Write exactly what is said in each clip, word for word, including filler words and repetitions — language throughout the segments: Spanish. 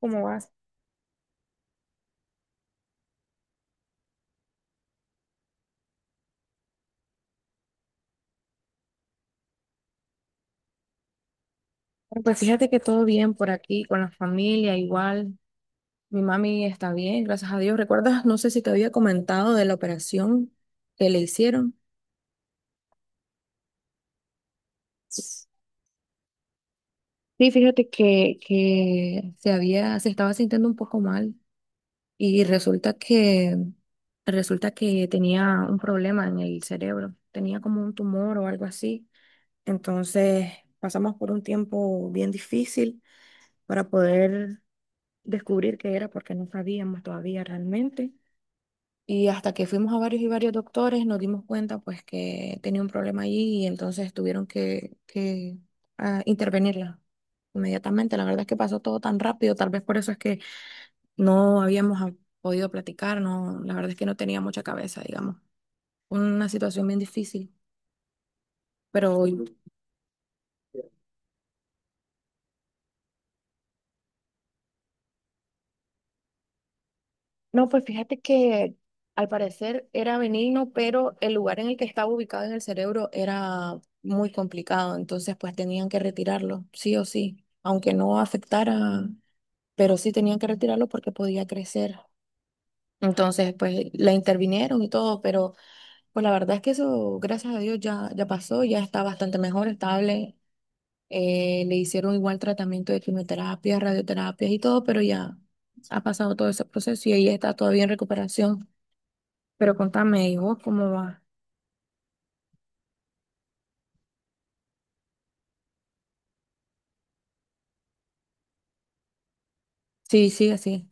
¿Cómo vas? Bueno, pues fíjate que todo bien por aquí, con la familia, igual. Mi mami está bien, gracias a Dios. ¿Recuerdas? No sé si te había comentado de la operación que le hicieron. Sí, fíjate que, que se había, se estaba sintiendo un poco mal y resulta que, resulta que tenía un problema en el cerebro. Tenía como un tumor o algo así. Entonces pasamos por un tiempo bien difícil para poder descubrir qué era porque no sabíamos todavía realmente. Y hasta que fuimos a varios y varios doctores nos dimos cuenta pues que tenía un problema allí y entonces tuvieron que, que ah, intervenirla inmediatamente. La verdad es que pasó todo tan rápido, tal vez por eso es que no habíamos ah, podido platicar, no, la verdad es que no tenía mucha cabeza, digamos. Una situación bien difícil, pero. No, pues fíjate que al parecer era benigno, pero el lugar en el que estaba ubicado en el cerebro era muy complicado, entonces pues tenían que retirarlo, sí o sí, aunque no afectara, pero sí tenían que retirarlo porque podía crecer. Entonces pues la intervinieron y todo, pero pues la verdad es que eso, gracias a Dios, ya, ya pasó, ya está bastante mejor, estable. Eh, le hicieron igual tratamiento de quimioterapia, radioterapias y todo, pero ya ha pasado todo ese proceso y ella está todavía en recuperación. Pero contame, ¿y vos cómo va? Sí, sí, así.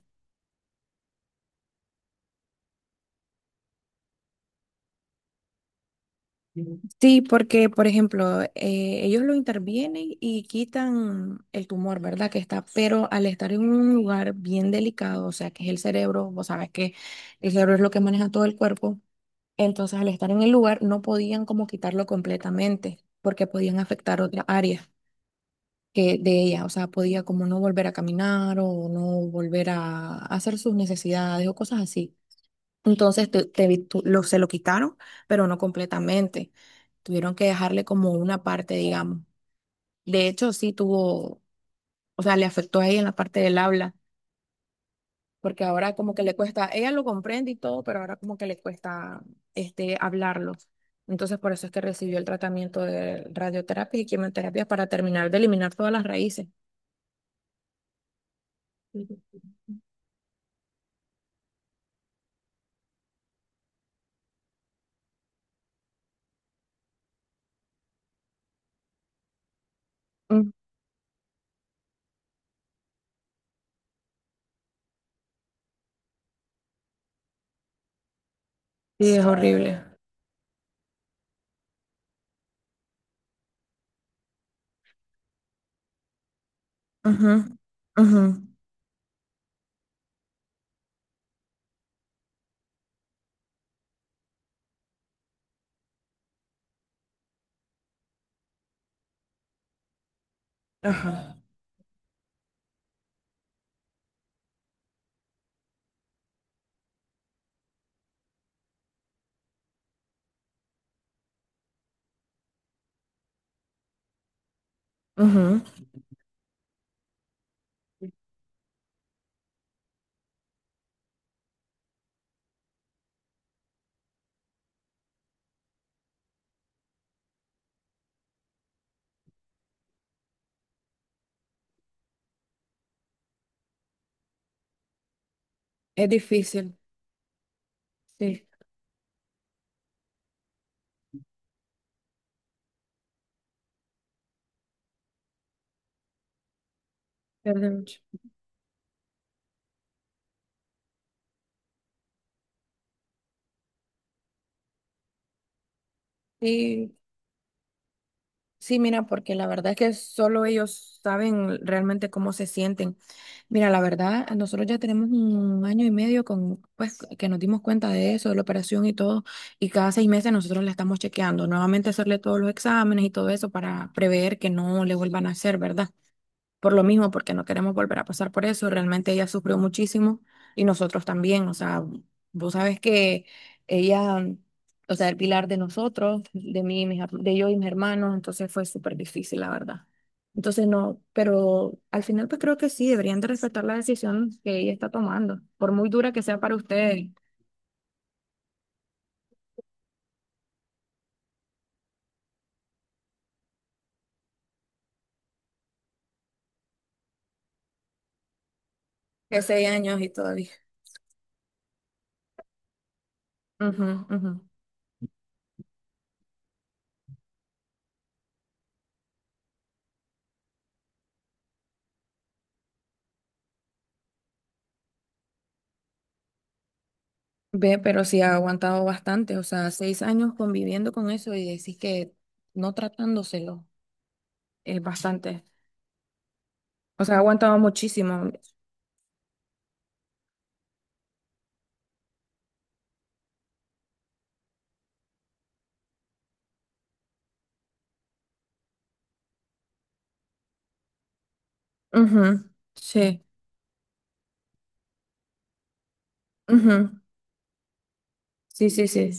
Ujú. Sí, porque, por ejemplo, eh, ellos lo intervienen y quitan el tumor, ¿verdad? Que está, pero al estar en un lugar bien delicado, o sea, que es el cerebro, vos sabes que el cerebro es lo que maneja todo el cuerpo, entonces al estar en el lugar no podían como quitarlo completamente, porque podían afectar otra área que de ella, o sea, podía como no volver a caminar o no volver a hacer sus necesidades o cosas así. Entonces te- te vi- tu- lo, se lo quitaron, pero no completamente. Tuvieron que dejarle como una parte, digamos. De hecho, sí tuvo, o sea, le afectó a ella en la parte del habla, porque ahora como que le cuesta, ella lo comprende y todo, pero ahora como que le cuesta este, hablarlo. Entonces, por eso es que recibió el tratamiento de radioterapia y quimioterapia para terminar de eliminar todas las raíces. Ujú. Mm. Sí, es horrible. Ujú, ujú, ajá, ujú. Es difícil, sí, pierde mucho. Sí, sí, mira, porque la verdad es que solo ellos saben realmente cómo se sienten. Mira, la verdad, nosotros ya tenemos un año y medio con, pues, que nos dimos cuenta de eso, de la operación y todo, y cada seis meses nosotros la estamos chequeando, nuevamente hacerle todos los exámenes y todo eso para prever que no le vuelvan a hacer, ¿verdad? Por lo mismo, porque no queremos volver a pasar por eso. Realmente ella sufrió muchísimo y nosotros también. O sea, vos sabes que ella, o sea, el pilar de nosotros, de mí, y mis her- de yo y mis hermanos, entonces fue súper difícil, la verdad. Entonces no, pero al final pues creo que sí, deberían de respetar la decisión que ella está tomando, por muy dura que sea para ustedes. ¿Que seis años y todavía? Ujú, ujú. Ve, pero sí ha aguantado bastante, o sea, seis años conviviendo con eso y decís que no tratándoselo. Eh, bastante. O sea, aguantaba muchísimo. Ujú, sí, ujú, sí, sí, sí.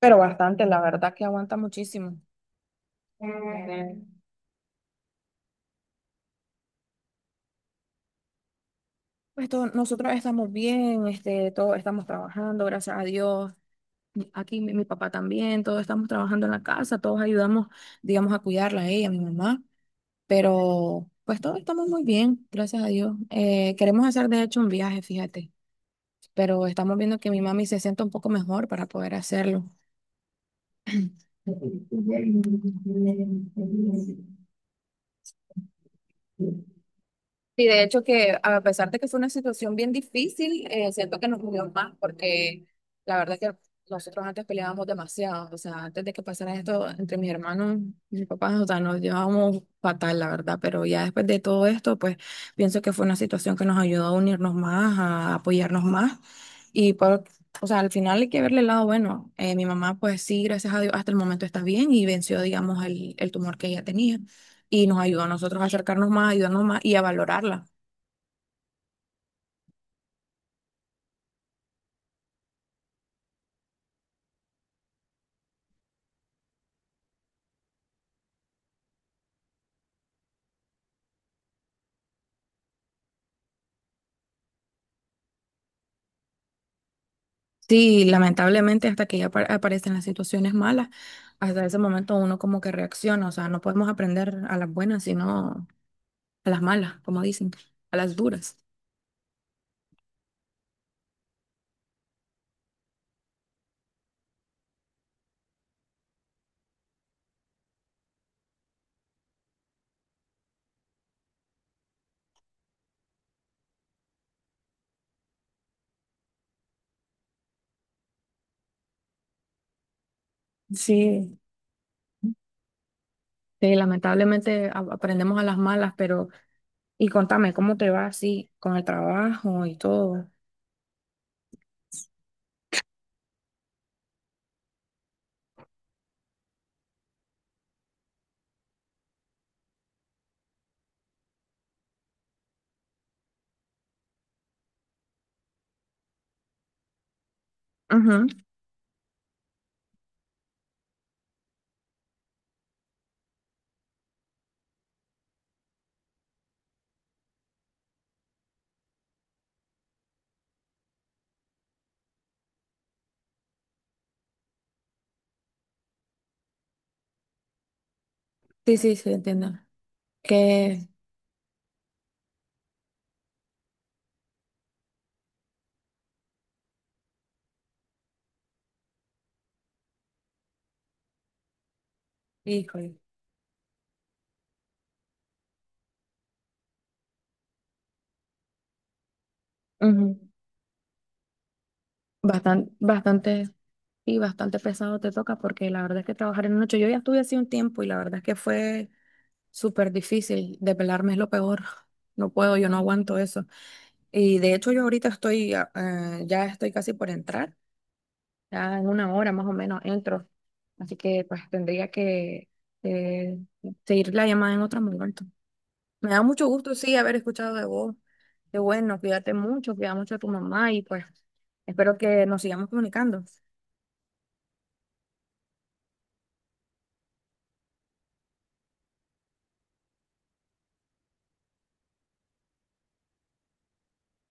Pero bastante, la verdad que aguanta muchísimo. Ujú. Pues todo- nosotros estamos bien, este, todos estamos trabajando, gracias a Dios. Y aquí mi, mi papá también, todos estamos trabajando en la casa, todos ayudamos, digamos, a cuidarla a ella, a mi mamá. Pero pues todos estamos muy bien, gracias a Dios. Eh, queremos hacer de hecho un viaje, fíjate, pero estamos viendo que mi mami se sienta un poco mejor para poder hacerlo. Thank you. Y de hecho que a pesar de que fue una situación bien difícil, eh, siento que nos unió más porque la verdad que nosotros antes peleábamos demasiado, o sea, antes de que pasara esto entre mis hermanos y mi papá, o sea, nos llevábamos fatal, la verdad, pero ya después de todo esto, pues pienso que fue una situación que nos ayudó a unirnos más, a apoyarnos más y por, o sea, al final hay que verle el lado bueno. Eh, mi mamá, pues sí, gracias a Dios, hasta el momento está bien y venció, digamos, el, el tumor que ella tenía y nos ayudó a nosotros a acercarnos más, a ayudarnos más y a valorarla. Sí, lamentablemente hasta que ya apa- aparecen las situaciones malas, hasta ese momento uno como que reacciona, o sea, no podemos aprender a las buenas, sino a las malas, como dicen, a las duras. Sí. Sí, lamentablemente a- aprendemos a las malas, pero y contame, ¿cómo te va así con el trabajo y todo? Ujú. Sí, sí, sí, entiendo. Que, híjole, bastante, bastante, y bastante pesado te toca porque la verdad es que trabajar en la noche, yo ya estuve así un tiempo y la verdad es que fue súper difícil. Depelarme es lo peor. No puedo, yo no aguanto eso. Y de hecho yo ahorita estoy, ah, ah, ya estoy casi por entrar. Ya en una hora más o menos entro. Así que pues tendría que eh, seguir la llamada en otro momento. Me da mucho gusto, sí, haber escuchado de vos. Qué bueno, cuídate mucho, cuida mucho a tu mamá y pues espero que nos sigamos comunicando.